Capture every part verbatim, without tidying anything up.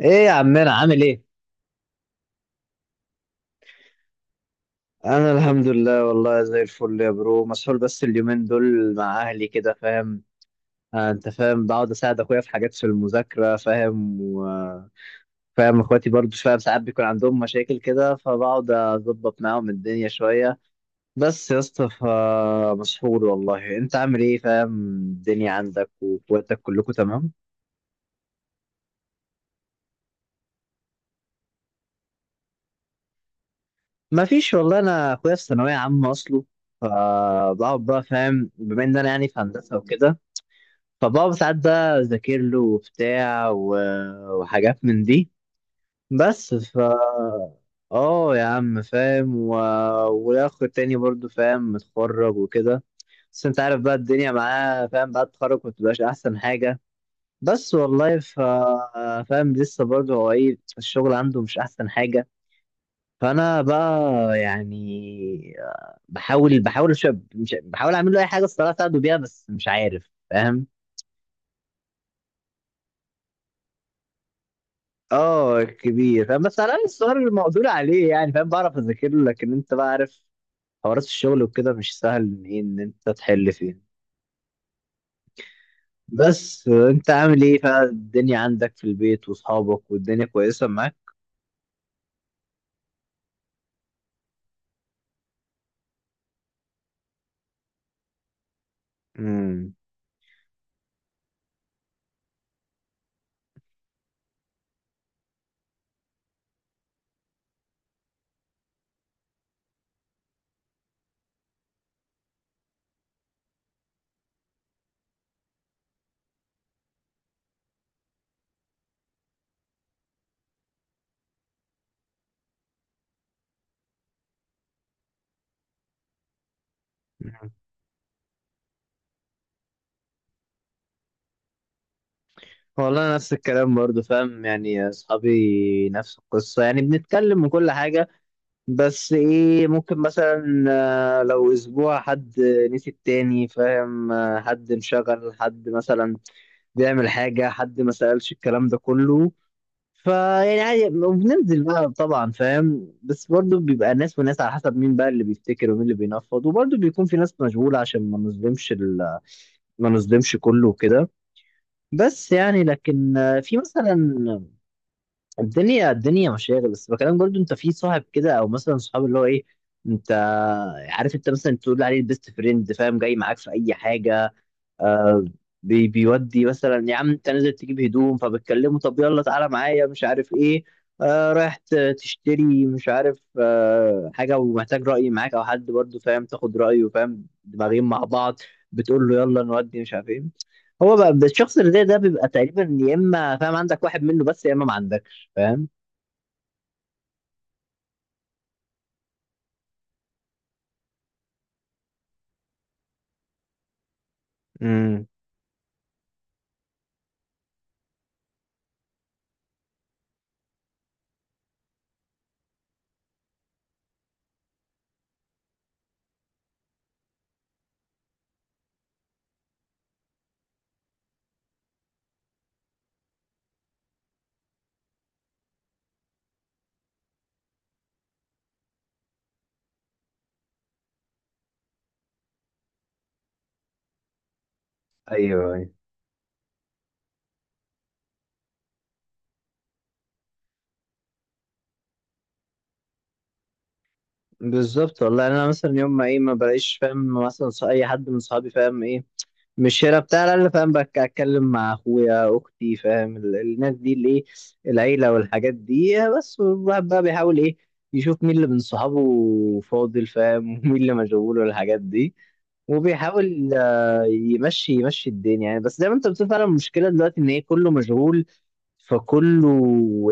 ايه يا عمنا عامل ايه؟ انا الحمد لله والله زي الفل يا برو، مسحول بس اليومين دول مع اهلي كده فاهم. آه انت فاهم، بقعد اساعد اخويا في حاجات في المذاكره فاهم، و فاهم اخواتي برضو فاهم، ساعات بيكون عندهم مشاكل كده فبقعد اظبط معاهم الدنيا شويه. بس يا اسطى فمسحول والله. انت عامل ايه فاهم؟ الدنيا عندك واخواتك كلكم تمام؟ ما فيش والله، انا اخويا في ثانويه عامه اصله، فبقعد بقى فاهم بما ان انا يعني في هندسه وكده، فبابا ساعات بقى أذاكر له وبتاع و- وحاجات من دي. بس ف اه يا عم فاهم و... والاخ التاني برضو فاهم متخرج وكده، بس انت عارف بقى الدنيا معاه فاهم، بعد التخرج مبتبقاش احسن حاجة. بس والله ف... فاهم لسه برضو، هو ايه الشغل عنده مش احسن حاجة. فانا بقى يعني بحاول بحاول أش- مش... بحاول اعمل له اي حاجة الصراحة اساعده بيها، بس مش عارف فاهم. اه كبير فاهم، بس على الاقل السؤال المقدور عليه يعني، فاهم بعرف اذاكر له، لكن انت بقى عارف حوارات الشغل وكده مش سهل ان ايه ان انت تحل فيه. بس آه، انت عامل ايه بقى؟ الدنيا عندك في البيت واصحابك والدنيا كويسه معاك؟ امم والله أنا نفس الكلام برضو فاهم، يعني اصحابي نفس القصه يعني بنتكلم من كل حاجه، بس ايه، ممكن مثلا آه، لو اسبوع حد نسي التاني فاهم، آه، حد انشغل، حد مثلا بيعمل حاجة، حد ما سألش، الكلام ده كله فيعني عادي. وبننزل بقى طبعا فاهم، بس برضه بيبقى ناس وناس على حسب مين بقى اللي بيفتكر ومين اللي بينفض، وبرضه بيكون في ناس مشغولة عشان ما نظلمش ال... ما نظلمش كله وكده. بس يعني لكن آه، في مثلا الدنيا الدنيا مشاغل، بس بكلام برضه، انت في صاحب كده او مثلا صحاب، اللي هو ايه، انت عارف انت مثلا تقول عليه البيست فريند فاهم، جاي معاك في اي حاجة. آه بي بيودي مثلا يا عم، انت نازل تجيب هدوم فبتكلمه طب يلا تعالى معايا مش عارف ايه، آه رايح ت- تشتري مش عارف آه حاجة ومحتاج رأي معاك او حد برضو فاهم تاخد رأيه، فاهم، دماغين مع بعض، بتقول له يلا نودي مش عارف ايه. هو بقى الشخص اللي زي ده بيبقى تقريبا يا اما فاهم عندك واحد منه بس، يا اما ما عندكش فاهم. امم. ايوه ايوه بالظبط والله. يعني انا مثلا يوم ما ايه ما بلاقيش فاهم مثلا ص- اي حد من صحابي فاهم ايه، مش هنا بتاع انا، فاهم بك اتكلم مع اخويا اختي، فاهم ال- الناس دي اللي ايه، العيله والحاجات دي. بس الواحد بقى بيحاول ايه، يشوف مين اللي من صحابه فاضل فاهم ومين اللي مشغول والحاجات دي، وبيحاول آه، يمشي يمشي الدنيا يعني. بس زي ما انت بتقول فعلا، المشكله دلوقتي ان ايه، كله مشغول، فكله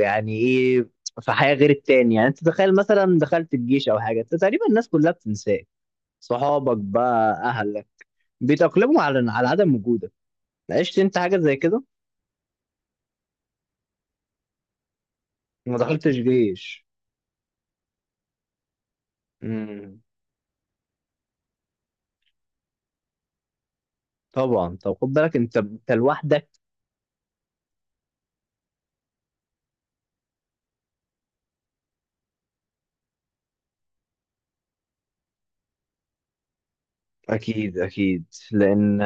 يعني ايه، في حياه غير التاني. يعني انت تخيل مثلا دخلت الجيش او حاجه، انت تقريبا الناس كلها بتنساك، صحابك بقى اهلك بيتأقلموا على على عدم وجودك. عشت انت حاجه زي كده؟ ما دخلتش جيش. امم. طبعا، طب خد بالك انت انت لوحدك. اكيد اكيد، لان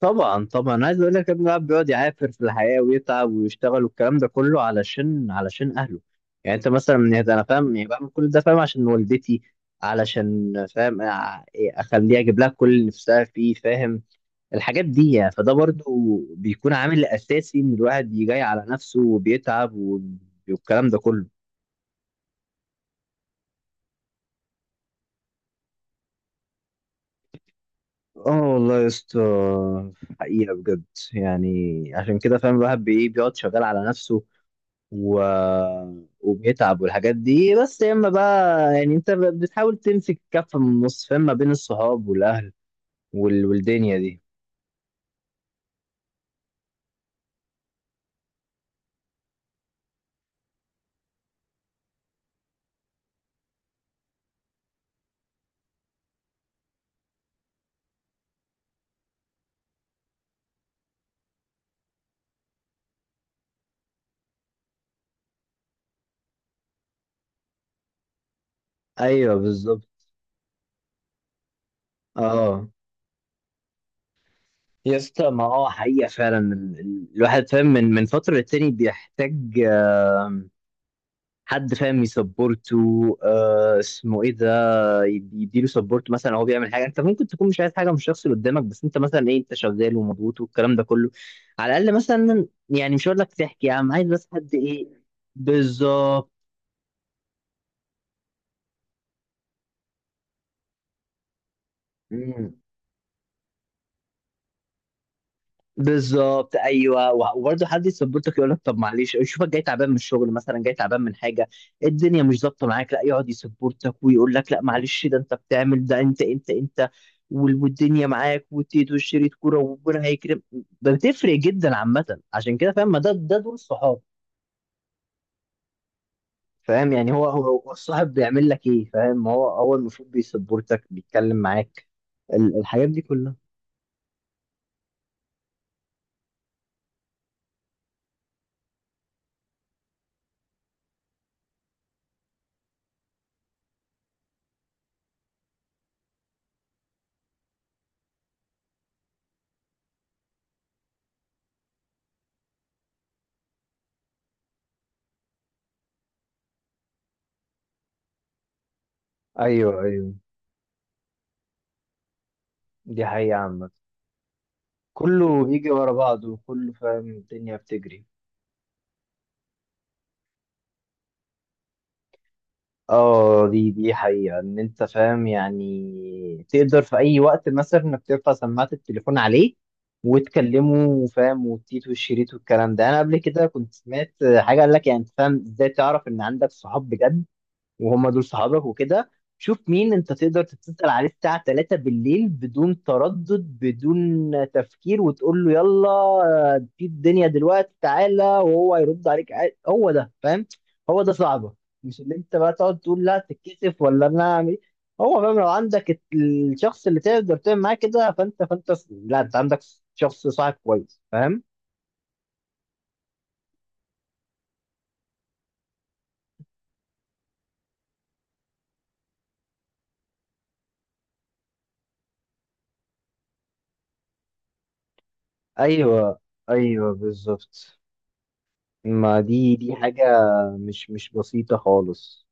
طبعا طبعا عايز اقول لك ابن الاب بيقعد يعافر في الحياه ويتعب ويشتغل والكلام ده كله علشان علشان اهله، يعني انت مثلا من هذا انا فاهم، يعني بعمل كل ده فاهم عشان والدتي، علشان فاهم أع- اخليها اجيب لها كل اللي نفسها فيه، فاهم الحاجات دي يعني. فده برضو بيكون عامل اساسي ان الواحد يجي على نفسه وبيتعب والكلام ده كله. اه والله يا اسطى حقيقة بجد، يعني عشان كده فاهم الواحد بي- بيقعد شغال على نفسه و... وبيتعب والحاجات دي، بس يا اما بقى يعني انت ب- بتحاول تمسك كفة من النص فاهم، ما بين الصحاب والاهل وال... والدنيا دي. ايوه بالظبط. اه يا اسطى، ما هو حقيقة فعلا ال- ال- الواحد فاهم من من فترة للتاني بيحتاج آم، حد فاهم يسبورته، آه اسمه ايه ده، يديله سبورت. مثلا هو بيعمل حاجه، انت ممكن تكون مش عايز حاجه من الشخص اللي قدامك، بس انت مثلا ايه، انت شغال ومضغوط والكلام ده كله، على الاقل مثلا يعني مش هقول لك تحكي يا عم، عايز بس حد ايه، بالظبط. مم. بالظبط ايوه، وبرضه حد يسبورتك، يقول لك طب معلش، يشوفك جاي تعبان من الشغل مثلا، جاي تعبان من حاجه، الدنيا مش ظابطه معاك، لا يقعد يسبورتك ويقول لك لا معلش ده انت بتعمل، ده انت انت انت وال- والدنيا معاك وتيت وشريط كوره وربنا هيكرم. بتفرق جدا عامه، عشان كده فاهم ما ده ده دول الصحاب فاهم، يعني هو هو هو الصاحب بيعمل لك ايه فاهم، هو هو المفروض بيسبورتك، بيتكلم معاك ال- الحاجات دي كلها. ايوه ايوه دي حقيقة عامة، كله بيجي ورا بعضه وكله فاهم، الدنيا بتجري. اه دي دي حقيقة، ان انت فاهم يعني تقدر في اي وقت مثلا انك ترفع سماعة التليفون عليه وتكلمه فاهم، والتيت والشريط والكلام ده. انا قبل كده كنت سمعت حاجة قال لك يعني انت فاهم ازاي تعرف ان عندك صحاب بجد وهم دول صحابك وكده، شوف مين انت تقدر تتصل عليه الساعة ثلاثة بالليل بدون تردد بدون تفكير وتقول له يلا آه، في الدنيا دلوقتي تعالى، وهو هيرد عليك عاد- هو ده فاهم، هو ده صعبه. مش اللي انت بقى تقعد تقول لا تتكسف ولا انا اعمل ايه، هو فاهم، لو عندك الت- الشخص اللي تقدر تعمل معاه كده فانت فانت ص- لا انت عندك شخص صاحب كويس فاهم. ايوه ايوه بالظبط، ما دي دي حاجة مش مش بسيطة خالص.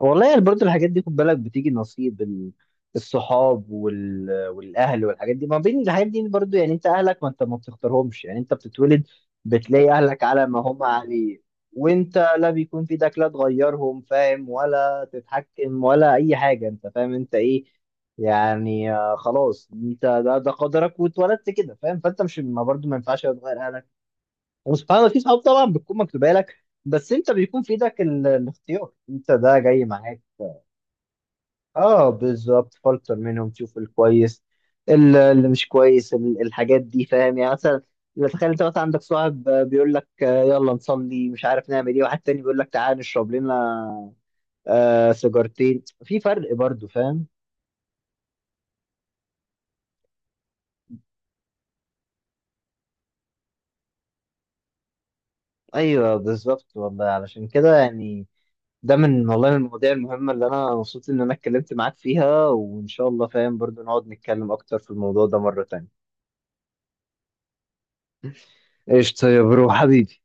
والله يعني برضه الحاجات دي خد بالك، بتيجي نصيب ال- الصحاب وال... والاهل والحاجات دي، ما بين الحاجات دي برضه يعني، انت اهلك ما انت ما بتختارهمش، يعني انت بتتولد بتلاقي اهلك على ما هم عليه، وانت لا بيكون في ايدك لا تغيرهم فاهم، ولا تتحكم ولا اي حاجه، انت فاهم انت ايه يعني، آه، خلاص انت ده ده قدرك واتولدت كده فاهم، فانت مش ما برضه ما ينفعش تغير اهلك. وسبحان الله في صحاب طبعا بتكون مكتوبه لك، بس انت بيكون في ايدك ال- الاختيار، انت ده جاي معاك. اه بالظبط، فلتر منهم تشوف الكويس ال- اللي مش كويس ال- الحاجات دي فاهم. يعني مثلا لو تخيل انت مثلا عندك صاحب آه، بيقول لك آه، يلا نصلي مش عارف نعمل ايه، واحد تاني بيقول لك تعال نشرب لنا آه سيجارتين، في فرق برضو فاهم. ايوه بالظبط والله، علشان كده يعني ده من والله من المواضيع المهمة اللي انا مبسوط ان انا اتكلمت معاك فيها، وان شاء الله فاهم برضو نقعد نتكلم اكتر في الموضوع ده مرة تانية. قشطة يا برو حبيبي.